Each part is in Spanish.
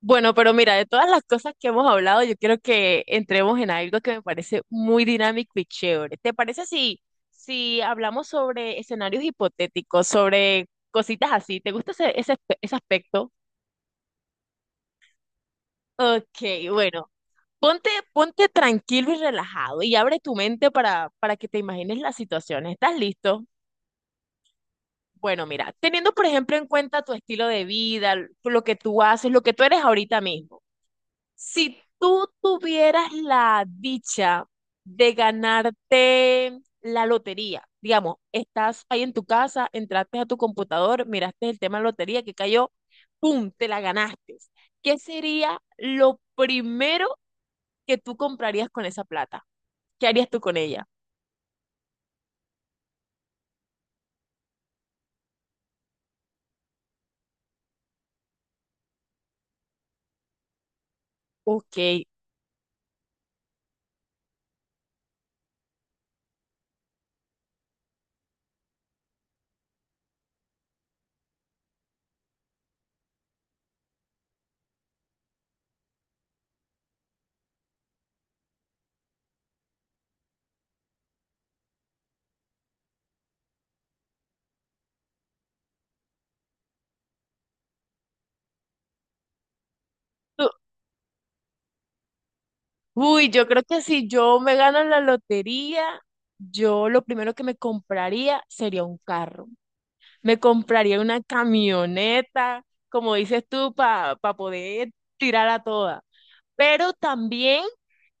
Bueno, pero mira, de todas las cosas que hemos hablado, yo quiero que entremos en algo que me parece muy dinámico y chévere. ¿Te parece si, si hablamos sobre escenarios hipotéticos, sobre cositas así? ¿Te gusta ese aspecto? Ok, bueno, ponte tranquilo y relajado y abre tu mente para que te imagines la situación. ¿Estás listo? Bueno, mira, teniendo por ejemplo en cuenta tu estilo de vida, lo que tú haces, lo que tú eres ahorita mismo. Si tú tuvieras la dicha de ganarte la lotería, digamos, estás ahí en tu casa, entraste a tu computador, miraste el tema de lotería que cayó, ¡pum!, te la ganaste. ¿Qué sería lo primero que tú comprarías con esa plata? ¿Qué harías tú con ella? Ok. tú- Uy, yo creo que si yo me gano la lotería, yo lo primero que me compraría sería un carro. Me compraría una camioneta, como dices tú, para poder tirar a toda. Pero también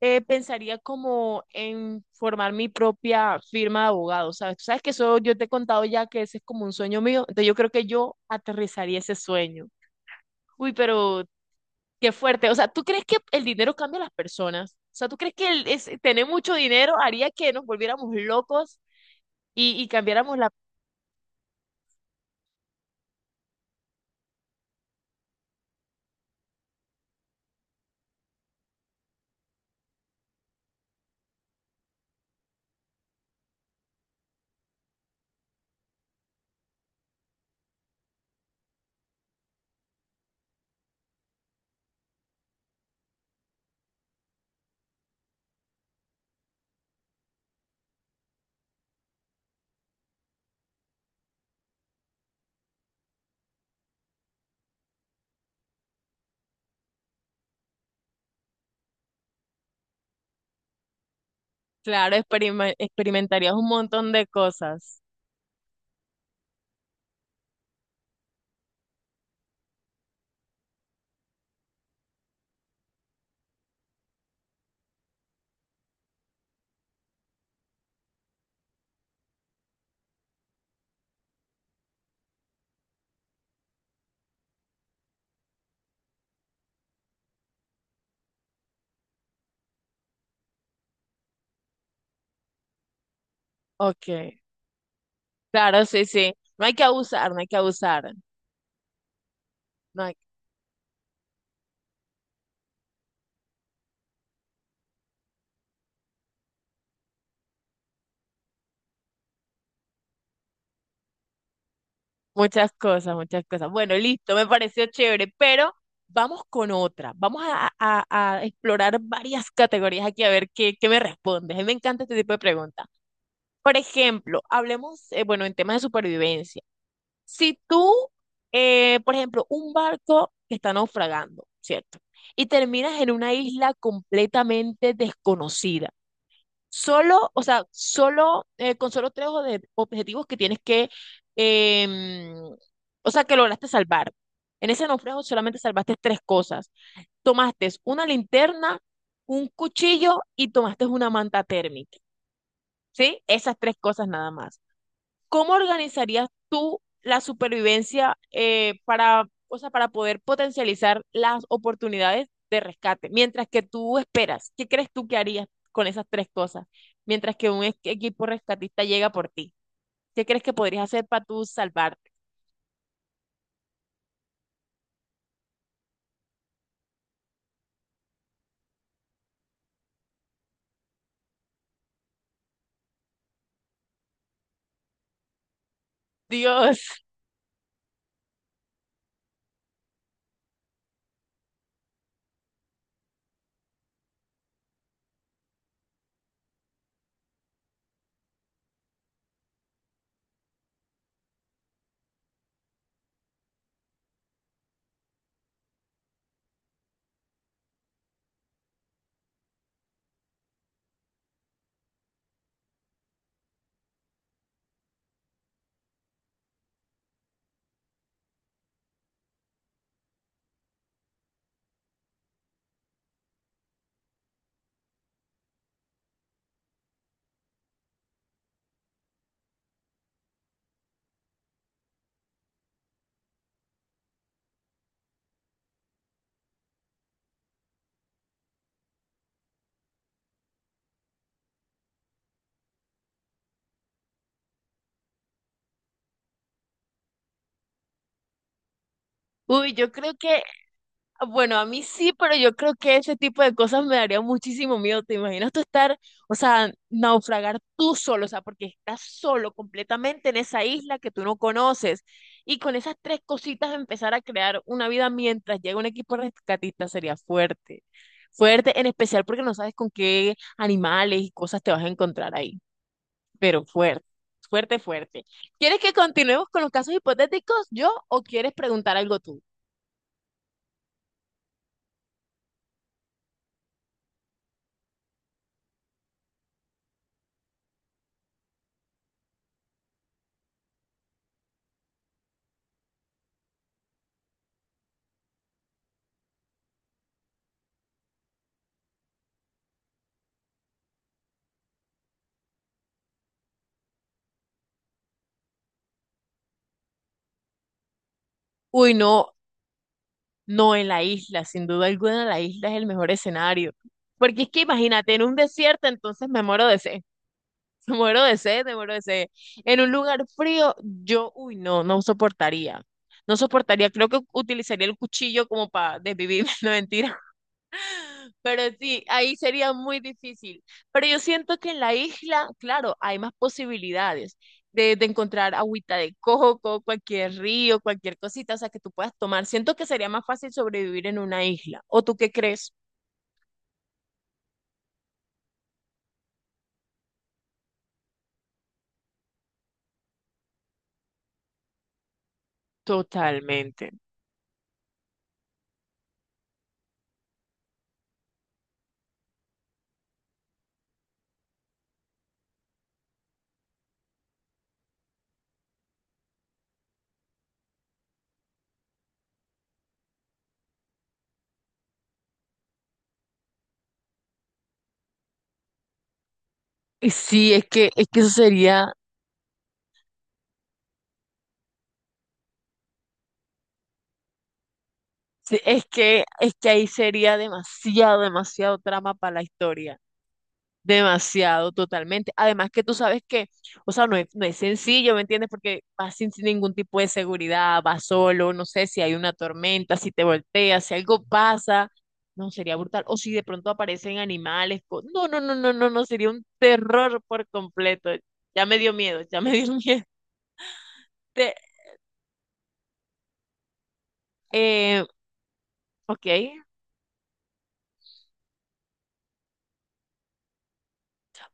pensaría como en formar mi propia firma de abogado, ¿sabes? Tú sabes que eso yo te he contado ya que ese es como un sueño mío, entonces yo creo que yo aterrizaría ese sueño. Uy, pero qué fuerte. O sea, ¿tú crees que el dinero cambia a las personas? O sea, ¿tú crees que tener mucho dinero haría que nos volviéramos locos y cambiáramos la... Claro, experimentarías un montón de cosas. Ok, claro, sí, sí. No hay que abusar, no hay que abusar. No hay... Muchas cosas, muchas cosas. Bueno, listo, me pareció chévere, pero vamos con otra. Vamos a explorar varias categorías aquí a ver qué, qué me respondes. A mí me encanta este tipo de preguntas. Por ejemplo, hablemos, bueno, en temas de supervivencia. Si tú, por ejemplo, un barco que está naufragando, ¿cierto? Y terminas en una isla completamente desconocida. Solo, o sea, solo, con solo tres o objetivos que tienes que, em, o sea, que lograste salvar. En ese naufragio solamente salvaste tres cosas. Tomaste una linterna, un cuchillo y tomaste una manta térmica, ¿sí? Esas tres cosas nada más. ¿Cómo organizarías tú la supervivencia para, o sea, para poder potencializar las oportunidades de rescate mientras que tú esperas? ¿Qué crees tú que harías con esas tres cosas mientras que un equipo rescatista llega por ti? ¿Qué crees que podrías hacer para tú salvarte? Dios, uy, yo creo que bueno, a mí sí, pero yo creo que ese tipo de cosas me daría muchísimo miedo. ¿Te imaginas tú estar, o sea, naufragar tú solo, o sea, porque estás solo completamente en esa isla que tú no conoces y con esas tres cositas empezar a crear una vida mientras llega un equipo rescatista sería fuerte. Fuerte, en especial porque no sabes con qué animales y cosas te vas a encontrar ahí, pero fuerte, fuerte, fuerte. ¿Quieres que continuemos con los casos hipotéticos yo o quieres preguntar algo tú? Uy, no, no, en la isla, sin duda alguna, la isla es el mejor escenario. Porque es que imagínate, en un desierto, entonces me muero de sed, me muero de sed, me muero de sed. En un lugar frío, yo, uy, no, no soportaría. No soportaría, creo que utilizaría el cuchillo como para desvivirme, no mentira. Pero sí, ahí sería muy difícil. Pero yo siento que en la isla, claro, hay más posibilidades de encontrar agüita de coco, cualquier río, cualquier cosita, o sea, que tú puedas tomar. Siento que sería más fácil sobrevivir en una isla. ¿O tú qué crees? Totalmente. Y sí, es que eso sería, sí, es que ahí sería demasiado, demasiado trama para la historia. Demasiado, totalmente. Además que tú sabes que, o sea, no es, no es sencillo, ¿me entiendes? Porque vas sin, sin ningún tipo de seguridad, vas solo, no sé si hay una tormenta, si te volteas, si algo pasa, no, sería brutal. O si de pronto aparecen animales, no, no, no, no, no, no, sería un terror por completo. Ya me dio miedo, ya me dio miedo. Te- eh, ok.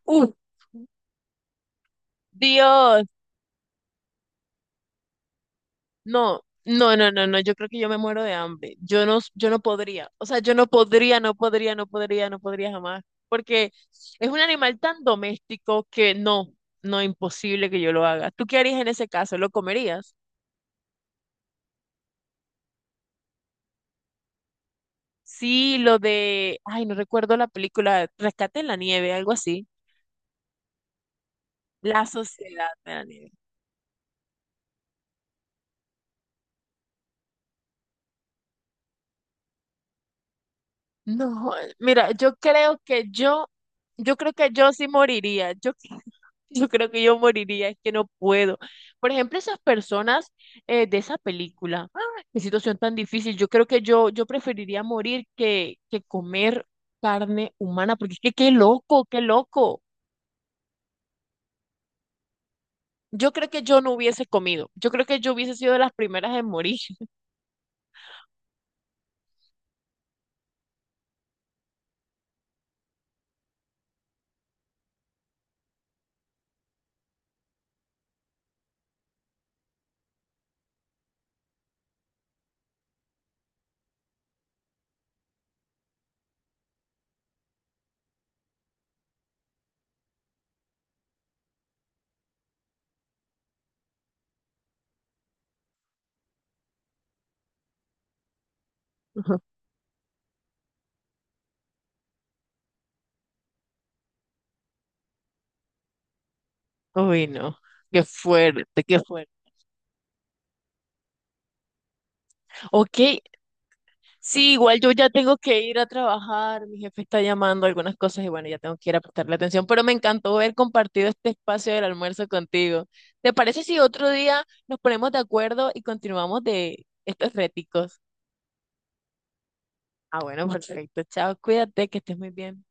Uf, Dios. No, no, no, no, no, yo creo que yo me muero de hambre. Yo no, yo no podría. O sea, yo no podría, no podría, no podría, no podría jamás. Porque es un animal tan doméstico que no, no, imposible que yo lo haga. ¿Tú qué harías en ese caso? ¿Lo comerías? Sí, lo de, ay, no recuerdo la película, Rescate en la Nieve, algo así. La Sociedad de la Nieve. No, mira, yo creo que yo sí moriría. Yo creo que yo moriría, es que no puedo. Por ejemplo, esas personas de esa película, ¡ah! Qué situación tan difícil. Yo creo que yo preferiría morir que comer carne humana, porque es que qué loco, qué loco. Yo creo que yo no hubiese comido. Yo creo que yo hubiese sido de las primeras en morir. Uy, no. Qué fuerte, qué fuerte. Ok, sí, igual yo ya tengo que ir a trabajar, mi jefe está llamando algunas cosas y bueno, ya tengo que ir a prestarle atención, pero me encantó haber compartido este espacio del almuerzo contigo. ¿Te parece si otro día nos ponemos de acuerdo y continuamos de estos réticos? Ah, bueno, perfecto. Chao, cuídate, que estés muy bien.